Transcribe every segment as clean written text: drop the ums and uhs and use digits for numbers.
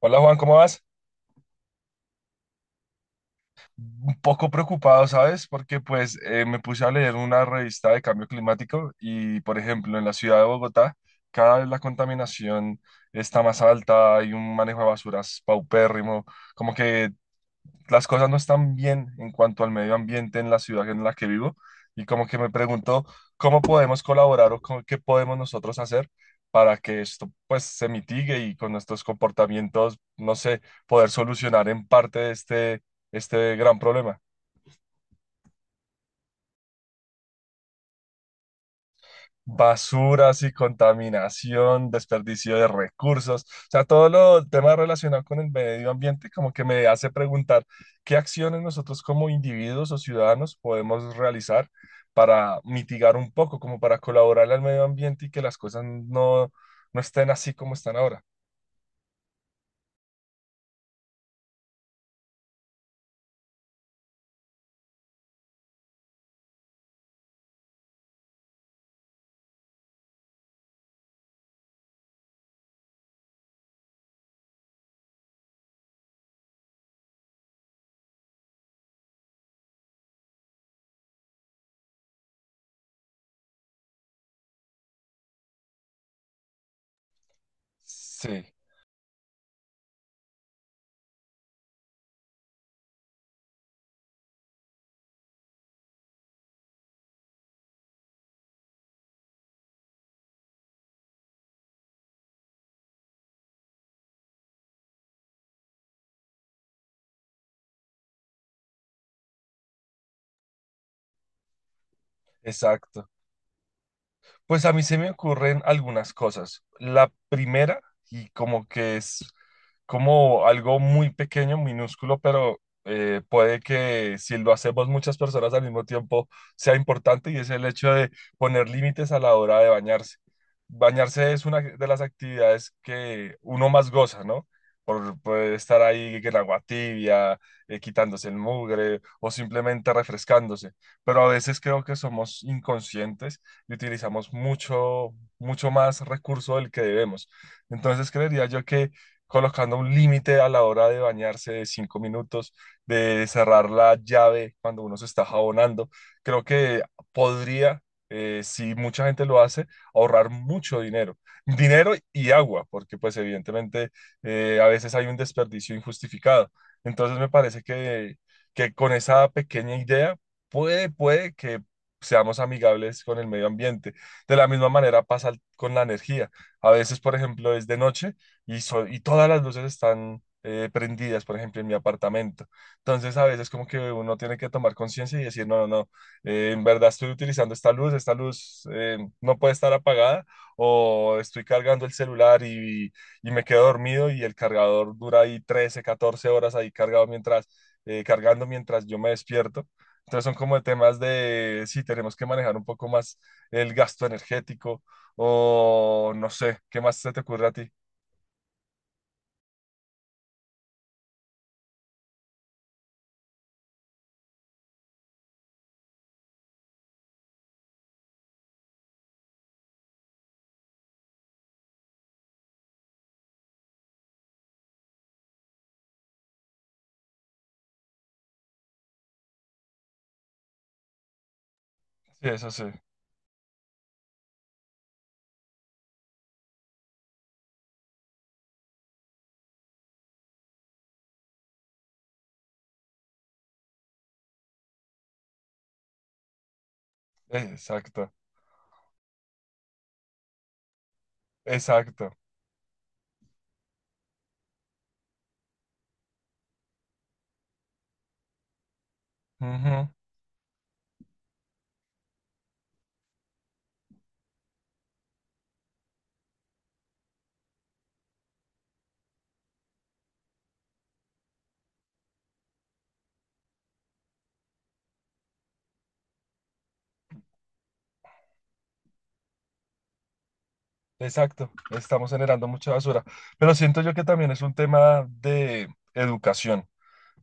Hola Juan, ¿cómo vas? Un poco preocupado, ¿sabes? Porque pues me puse a leer una revista de cambio climático y, por ejemplo, en la ciudad de Bogotá, cada vez la contaminación está más alta, hay un manejo de basuras paupérrimo, como que las cosas no están bien en cuanto al medio ambiente en la ciudad en la que vivo y como que me pregunto cómo podemos colaborar o qué podemos nosotros hacer para que esto pues se mitigue y con nuestros comportamientos, no sé, poder solucionar en parte este gran problema. Basuras y contaminación, desperdicio de recursos, o sea, todo lo tema relacionado con el medio ambiente como que me hace preguntar qué acciones nosotros como individuos o ciudadanos podemos realizar para mitigar un poco, como para colaborar al medio ambiente y que las cosas no estén así como están ahora. Sí, exacto. Pues a mí se me ocurren algunas cosas. La primera, y como que es como algo muy pequeño, minúsculo, pero puede que si lo hacemos muchas personas al mismo tiempo sea importante, y es el hecho de poner límites a la hora de bañarse. Bañarse es una de las actividades que uno más goza, ¿no? Por estar ahí en agua tibia, quitándose el mugre o simplemente refrescándose. Pero a veces creo que somos inconscientes y utilizamos mucho, mucho más recurso del que debemos. Entonces creería yo que colocando un límite a la hora de bañarse de 5 minutos, de cerrar la llave cuando uno se está jabonando, creo que podría, si mucha gente lo hace, ahorrar mucho dinero. Dinero y agua, porque pues evidentemente a veces hay un desperdicio injustificado. Entonces me parece que con esa pequeña idea puede que seamos amigables con el medio ambiente. De la misma manera pasa con la energía. A veces, por ejemplo, es de noche y y todas las luces están prendidas, por ejemplo, en mi apartamento. Entonces, a veces como que uno tiene que tomar conciencia y decir, no, no, no, en verdad estoy utilizando esta luz no puede estar apagada o estoy cargando el celular y me quedo dormido y el cargador dura ahí 13 14 horas ahí cargado mientras yo me despierto. Entonces son como temas de, sí, tenemos que manejar un poco más el gasto energético o no sé, ¿qué más se te ocurre a ti? Sí, eso sí, exacto, exacto, ujú, exacto, estamos generando mucha basura, pero siento yo que también es un tema de educación.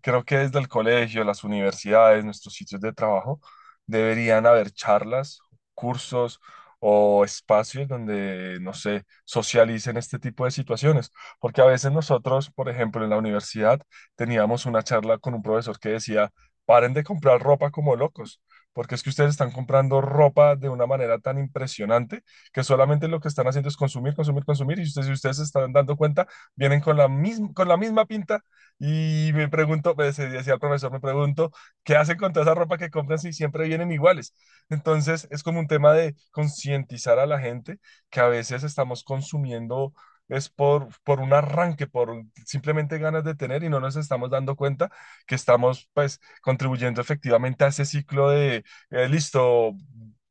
Creo que desde el colegio, las universidades, nuestros sitios de trabajo, deberían haber charlas, cursos o espacios donde, no sé, socialicen este tipo de situaciones. Porque a veces nosotros, por ejemplo, en la universidad teníamos una charla con un profesor que decía, paren de comprar ropa como locos. Porque es que ustedes están comprando ropa de una manera tan impresionante que solamente lo que están haciendo es consumir, consumir, consumir. Y ustedes, si ustedes se están dando cuenta, vienen con la misma pinta y me pregunto, pues, decía el profesor, me pregunto, ¿qué hacen con toda esa ropa que compran si siempre vienen iguales? Entonces, es como un tema de concientizar a la gente que a veces estamos consumiendo es por un arranque, por simplemente ganas de tener y no nos estamos dando cuenta que estamos pues contribuyendo efectivamente a ese ciclo de, listo,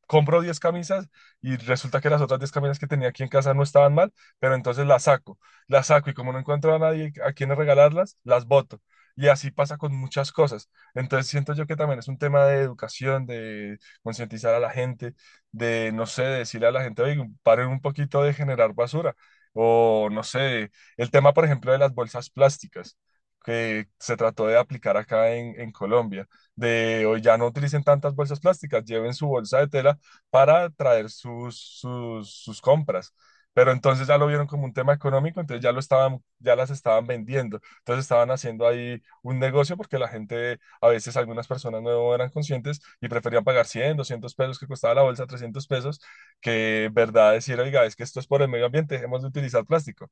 compro 10 camisas y resulta que las otras 10 camisas que tenía aquí en casa no estaban mal, pero entonces las saco y como no encuentro a nadie a quien regalarlas, las boto. Y así pasa con muchas cosas. Entonces siento yo que también es un tema de educación, de concientizar a la gente, de, no sé, de decirle a la gente, oye, paren un poquito de generar basura. O, no sé, el tema, por ejemplo, de las bolsas plásticas que se trató de aplicar acá en Colombia, de hoy ya no utilicen tantas bolsas plásticas, lleven su bolsa de tela para traer sus compras. Pero entonces ya lo vieron como un tema económico, entonces ya lo estaban, ya las estaban vendiendo. Entonces estaban haciendo ahí un negocio porque la gente, a veces algunas personas no eran conscientes y preferían pagar 100 200 pesos que costaba la bolsa, 300 pesos, que verdad decir, oiga, es que esto es por el medio ambiente, dejemos de utilizar plástico.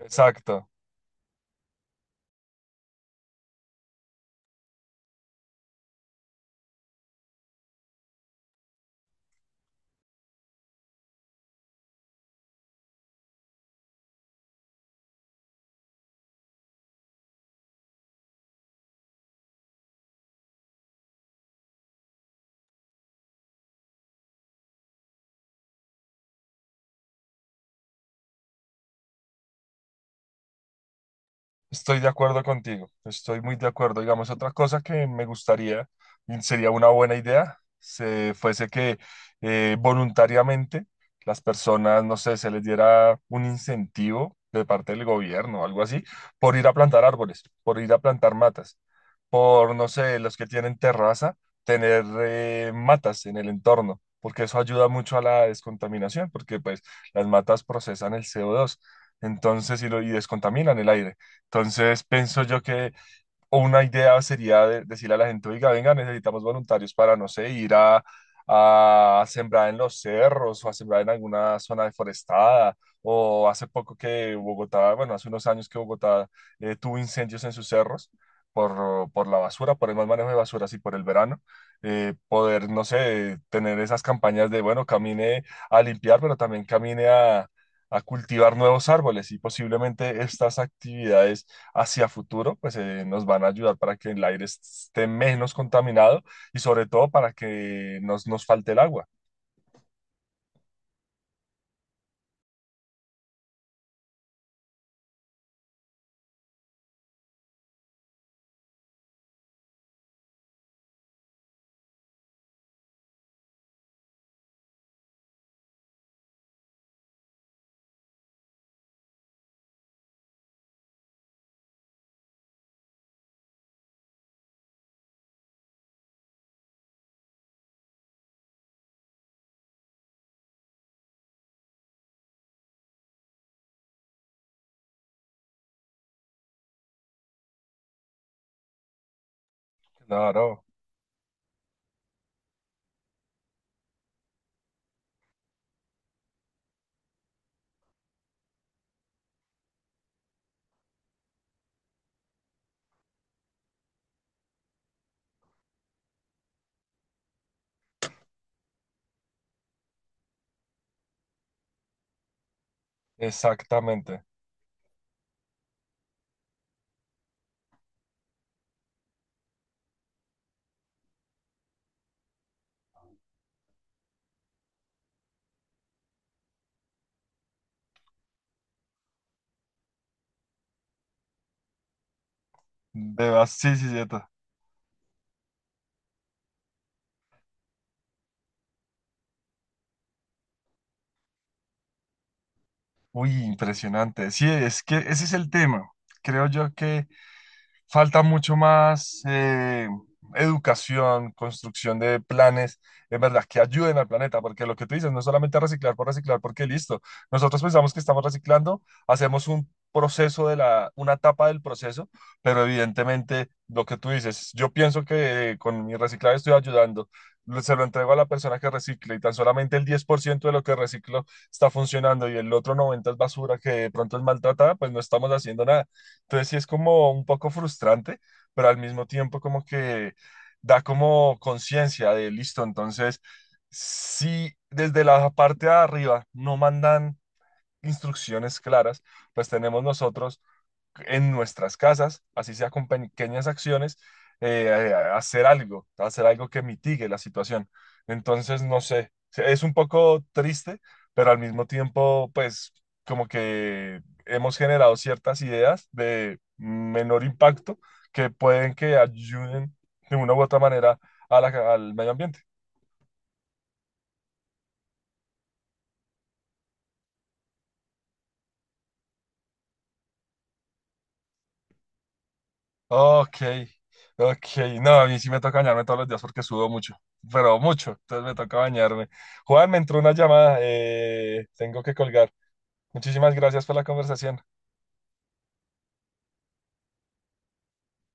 Exacto. Estoy de acuerdo contigo, estoy muy de acuerdo. Digamos, otra cosa que me gustaría, y sería una buena idea, se fuese que voluntariamente las personas, no sé, se les diera un incentivo de parte del gobierno o algo así, por ir a plantar árboles, por ir a plantar matas, por, no sé, los que tienen terraza, tener matas en el entorno, porque eso ayuda mucho a la descontaminación, porque pues las matas procesan el CO2 entonces, y, lo, y descontaminan el aire. Entonces, pienso yo que una idea sería decirle a la gente, oiga, venga, necesitamos voluntarios para, no sé, ir a sembrar en los cerros o a sembrar en alguna zona deforestada. O hace poco que Bogotá, bueno, hace unos años que Bogotá tuvo incendios en sus cerros por la basura, por el mal manejo de basuras y por el verano. Poder, no sé, tener esas campañas de, bueno, camine a limpiar, pero también camine a cultivar nuevos árboles y posiblemente estas actividades hacia futuro, pues nos van a ayudar para que el aire esté menos contaminado y sobre todo para que nos falte el agua. Claro, exactamente. De vas- sí, sí, sí, ta- Uy, impresionante. Sí, es que ese es el tema. Creo yo que falta mucho más educación, construcción de planes, en verdad, que ayuden al planeta, porque lo que tú dices no es solamente reciclar por reciclar, porque listo, nosotros pensamos que estamos reciclando, hacemos un proceso una etapa del proceso, pero evidentemente lo que tú dices, yo pienso que con mi reciclaje estoy ayudando. Se lo entrego a la persona que recicle y tan solamente el 10% de lo que reciclo está funcionando y el otro 90% es basura que de pronto es maltratada, pues no estamos haciendo nada. Entonces sí es como un poco frustrante, pero al mismo tiempo como que da como conciencia de listo. Entonces, si desde la parte de arriba no mandan instrucciones claras, pues tenemos nosotros en nuestras casas, así sea con pequeñas acciones, hacer algo que mitigue la situación. Entonces, no sé, es un poco triste, pero al mismo tiempo, pues como que hemos generado ciertas ideas de menor impacto que pueden que ayuden de una u otra manera a al medio ambiente. Ok, ok. No, a mí sí me toca bañarme todos los días porque sudo mucho, pero mucho. Entonces me toca bañarme. Juan, me entró una llamada. Eh, tengo que colgar. Muchísimas gracias por la conversación.